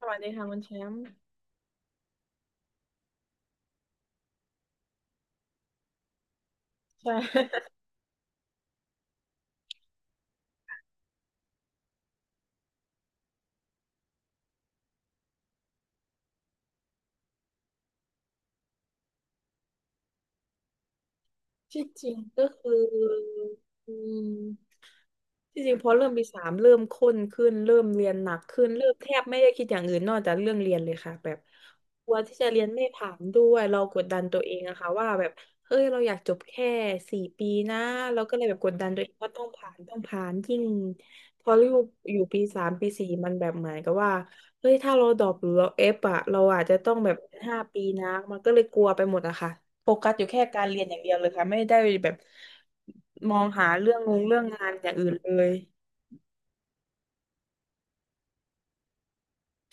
สวัสดีค่ะคุณแชมป์ใช่ ที่จริงก็คืออืมที่จริงพอเริ่มปีสามเริ่มข้นขึ้นเริ่มเรียนหนักขึ้นเริ่มแทบไม่ได้คิดอย่างอื่นนอกจากเรื่องเรียนเลยค่ะแบบกลัวที่จะเรียนไม่ผ่านด้วยเรากดดันตัวเองอะค่ะว่าแบบเฮ้ยเราอยากจบแค่4 ปีนะเราก็เลยแบบกดดันตัวเองว่าต้องผ่านยิ่งพออยู่ปีสามปีสี่มันแบบเหมือนกับว่า เฮ้ยถ้าเราดรอปหรือเราเอฟอะเราอาจจะต้องแบบห้าปีนะมันก็เลยกลัวไปหมดอะค่ะโฟกัสอยู่แค่การเรียนอย่างเดียวเลยค่ะไม่ได้แบบมองหาเรื่องงานอย่างอื่นเลย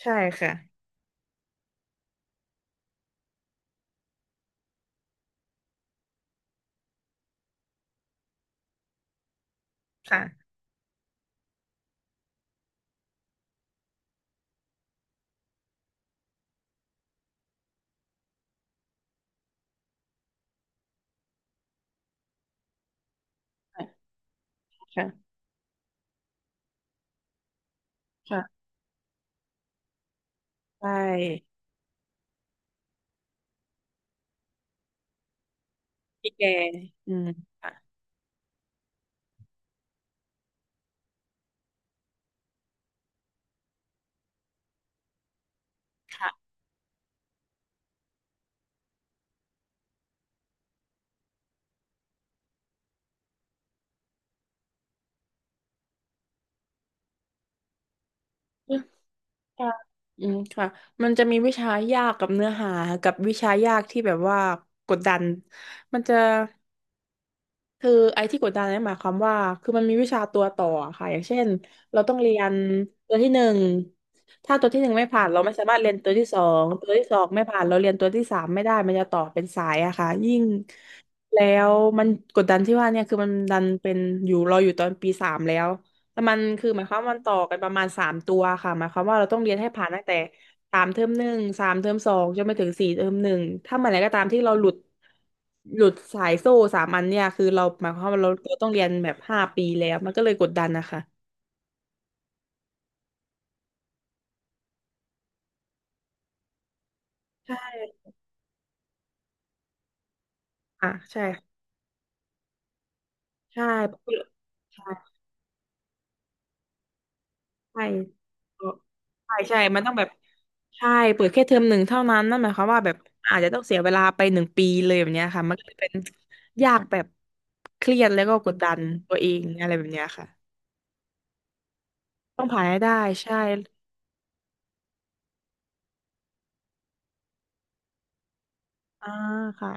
ใช่ค่ะค่ะค่ะค่ะใช่พี่แกอืมค่ะค่ะอืมค่ะอืมค่ะมันจะมีวิชายากกับเนื้อหากับวิชายากที่แบบว่ากดดันมันจะ คือไอ้ที่กดดันเนี่ยหมายความว่าคือมันมีวิชาตัวต่อค่ะอย่างเช่นเราต้องเรียนตัวที่หนึ่งถ้าตัวที่หนึ่งไม่ผ่านเราไม่สามารถเรียนตัวที่สองตัวที่สองไม่ผ่านเราเรียนตัวที่สามไม่ได้มันจะต่อเป็นสายอะค่ะยิ่งแล้วมันกดดันที่ว่าเนี่ยคือมันดันเป็นอยู่เราอยู่ตอนปีสามแล้ว แต่มันคือหมายความว่ามันต่อกันประมาณสามตัวค่ะหมายความว่าเราต้องเรียนให้ผ่านตั้งแต่สามเทอมหนึ่งสามเทอมสองจนไปถึงสี่เทอมหนึ่งถ้าเมื่อไหร่ก็ตามที่เราหลุดหลุดสายโซ่สามอันเนี่ยคือเราหมายความว่าเราต้องเรียนแบบห้าปีแล้วมันก็เลยกดดันนะคะใช่อ่ะใช่ใช่ ใช่ใช่ใช่ มันต้องแบบใช่เปิดแค่เทอมหนึ่งเท่านั้น นั่นหมายความว่าแบบอาจจะต้องเสียเวลาไป1 ปีเลยแบบเนี้ยค่ะ มันก็เลยเป็นยากแบบเครียดแล้วก็กดดันตัวเองอะไรแบบเนี้ยค่ะ ต้องผ่านให้ได้ ใช่อ่าค่ะ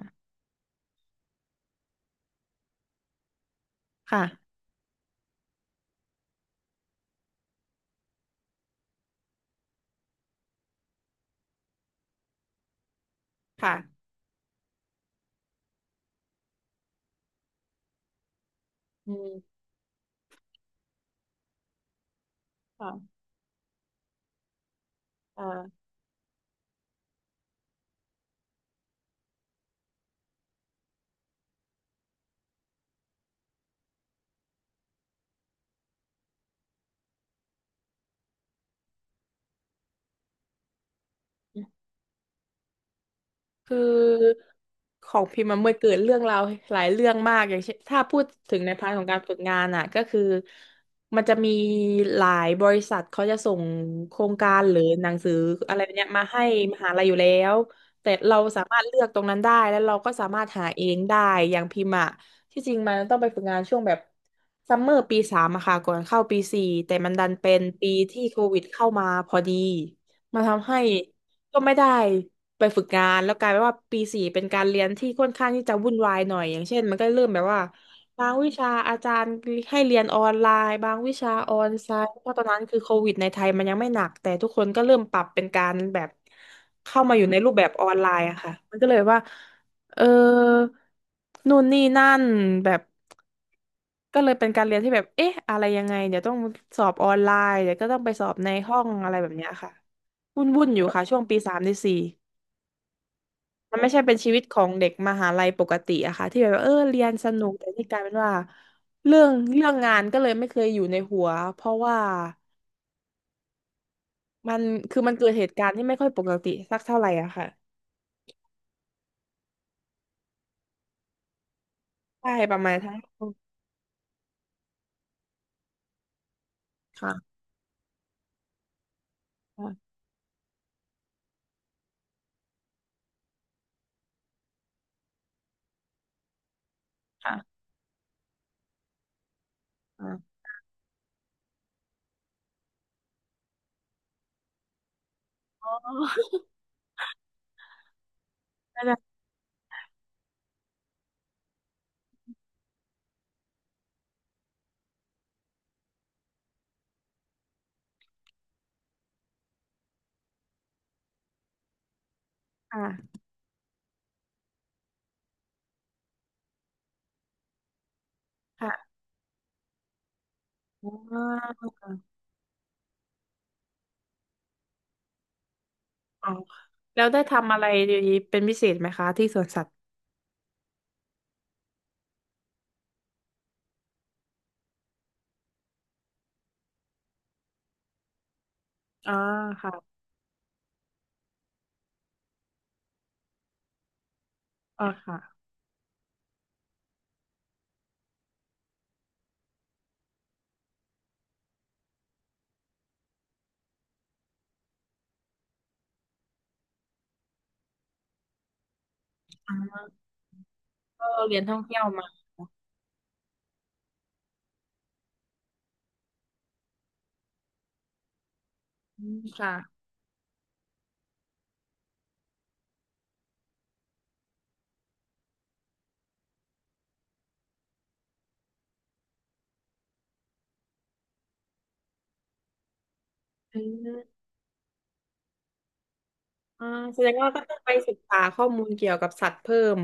ค่ะค่ะอืมค่ะอ่า คือของพิมพ์มันเมื่อเกิดเรื่องราวหลายเรื่องมากอย่างเช่นถ้าพูดถึงในพาร์ทของการฝึกงานอ่ะก็คือมันจะมีหลายบริษัทเขาจะส่งโครงการหรือหนังสืออะไรแบบเนี้ยมาให้มหาลัยอยู่แล้วแต่เราสามารถเลือกตรงนั้นได้แล้วเราก็สามารถหาเองได้อย่างพิมพ์อ่ะที่จริงมันต้องไปฝึกงานช่วงแบบซัมเมอร์ปีสามอะค่ะก่อนเข้าปีสี่แต่มันดันเป็นปีที่โควิดเข้ามาพอดีมาทำให้ก็ไม่ได้ ไปฝึกงานแล้วกลายเป็นว่าปีสี่เป็นการเรียนที่ค่อนข้างที่จะวุ่นวายหน่อยอย่างเช่นมันก็เริ่มแบบว่าบางวิชาอาจารย์ให้เรียนออนไลน์บางวิชาออนไซต์เพราะตอนนั้นคือโควิดในไทยมันยังไม่หนักแต่ทุกคนก็เริ่มปรับเป็นการแบบเข้ามาอยู่ในรูปแบบออนไลน์อะค่ะมันก็เลยว่าเออนู่นนี่นั่นแบบก็เลยเป็นการเรียนที่แบบเอ๊ะอะไรยังไงเดี๋ยวต้องสอบออนไลน์เดี๋ยวก็ต้องไปสอบในห้องอะไรแบบเนี้ยค่ะวุ่นวุ่นอยู่ค่ะช่วงปีสามปีสี่ มันไม่ใช่เป็นชีวิตของเด็กมหาลัยปกติอะค่ะที่แบบว่าเออเรียนสนุกแต่นี่กลายเป็นว่าเรื่องเรื่องงานก็เลยไม่เคยอยู่ในหัวเพราะว่ามันมันเกิดเหตุการณ์ที่ไม่ค่อยปกติสักเท่าไหร่อะค่ะใช่ประมาณทั้งค่ะค่ะค่ะค่ะนั่นแหละค่ะค่ะอ๋ออ๋อแล้วได้ทำอะไรเป็นพิเศษไหมคะที่สวนสัตว์อ่าค่ะอ่าค่ะอ่าก็เรียนท่องเที่ยวมาอืมค่ะอืม อ่าแสดงว่าก็ต้องไปศึกษาข้อมูลเกี่ยวกับสัตว์เพิ่ม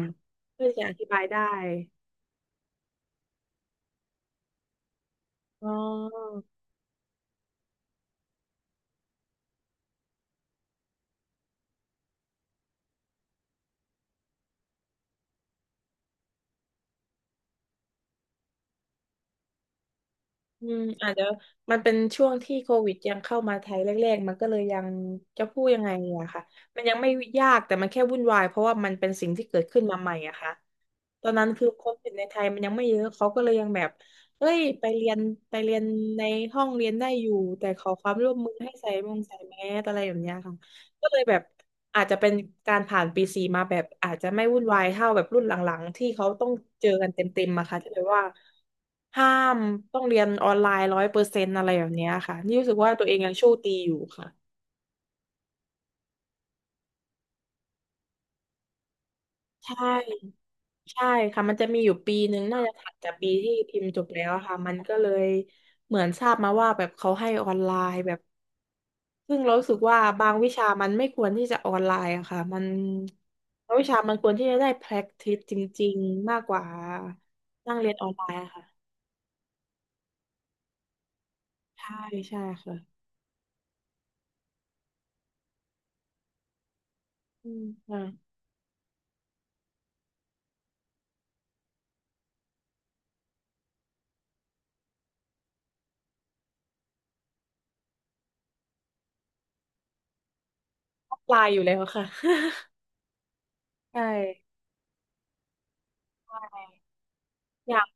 เพื่อจะอธิบายได้อ๋ออืมอาจจะมันเป็นช่วงที่โควิดยังเข้ามาไทยแรกๆมันก็เลยยังจะพูดยังไงอะค่ะมันยังไม่ยากแต่มันแค่วุ่นวายเพราะว่ามันเป็นสิ่งที่เกิดขึ้นมาใหม่อะค่ะตอนนั้นคือคนติดในไทยมันยังไม่เยอะเขาก็เลยยังแบบเอ้ยไปเรียนในห้องเรียนได้อยู่แต่ขอความร่วมมือให้ใส่มงใส่แมสอะไรแบบเนี้ยค่ะ ก็เลยแบบอาจจะเป็นการผ่านปีสี่มาแบบอาจจะไม่วุ่นวายเท่าแบบรุ่นหลังๆที่เขาต้องเจอกันเต็มๆมาค่ะที่แบบว่าห้ามต้องเรียนออนไลน์100%อะไรแบบเนี้ยค่ะนี่รู้สึกว่าตัวเองยังโชคดีอยู่ค่ะใช่ใช่ค่ะมันจะมีอยู่ปีหนึ่งน่าจะถัดจากปีที่พิมพ์จบแล้วอะค่ะมันก็เลยเหมือนทราบมาว่าแบบเขาให้ออนไลน์แบบ ซึ่งเรารู้สึกว่าบางวิชามันไม่ควรที่จะออนไลน์อะค่ะ มันบางวิชามันควรที่จะได้ practice จริงๆ มากกว่า นั่งเรียนออนไลน์อะค่ะ ใช่ ใช่ค่ะอืมค่ะออนไลน์อยู่แล้วค่ะ ใช่ใช่อยาก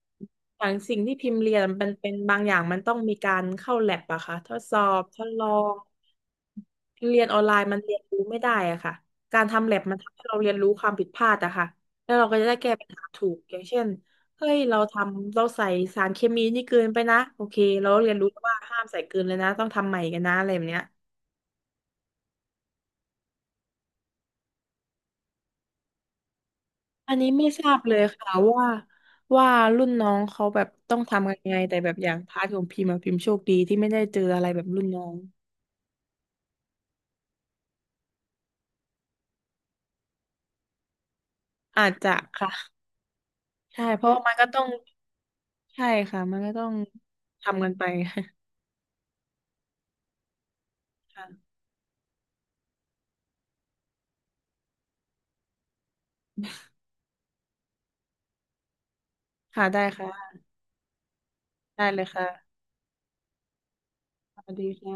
อย่างสิ่งที่พิมพ์เรียนมันเป็นบางอย่างมันต้องมีการเข้าแลบอะค่ะทดสอบทดลองเรียนออนไลน์มันเรียนรู้ไม่ได้อะค่ะการทำแลบมันทำให้เราเรียนรู้ความผิดพลาดอะค่ะแล้วเราก็จะได้แก้ปัญหาถูกอย่างเช่นเฮ้ยเราทำเราใส่สารเคมีนี่เกินไปนะโอเคเราเรียนรู้ว่าห้ามใส่เกินเลยนะต้องทำใหม่กันนะอะไรแบบเนี้ยอันนี้ไม่ทราบเลยค่ะว่ารุ่นน้องเขาแบบต้องทำยังไงแต่แบบอย่างพาร์ทของพิมพ์อะพิมพ์โชคดีที่ไม่ได้เจออะไรแบบรุ่นน้อง อาจจะค่ะใช่เพราะว่ามันก็ต้องใช่ค่ะมันก็ต้องทำกันไป ค่ะค่ะได้ค่ะได้เลยค่ะสวัสดีค่ะ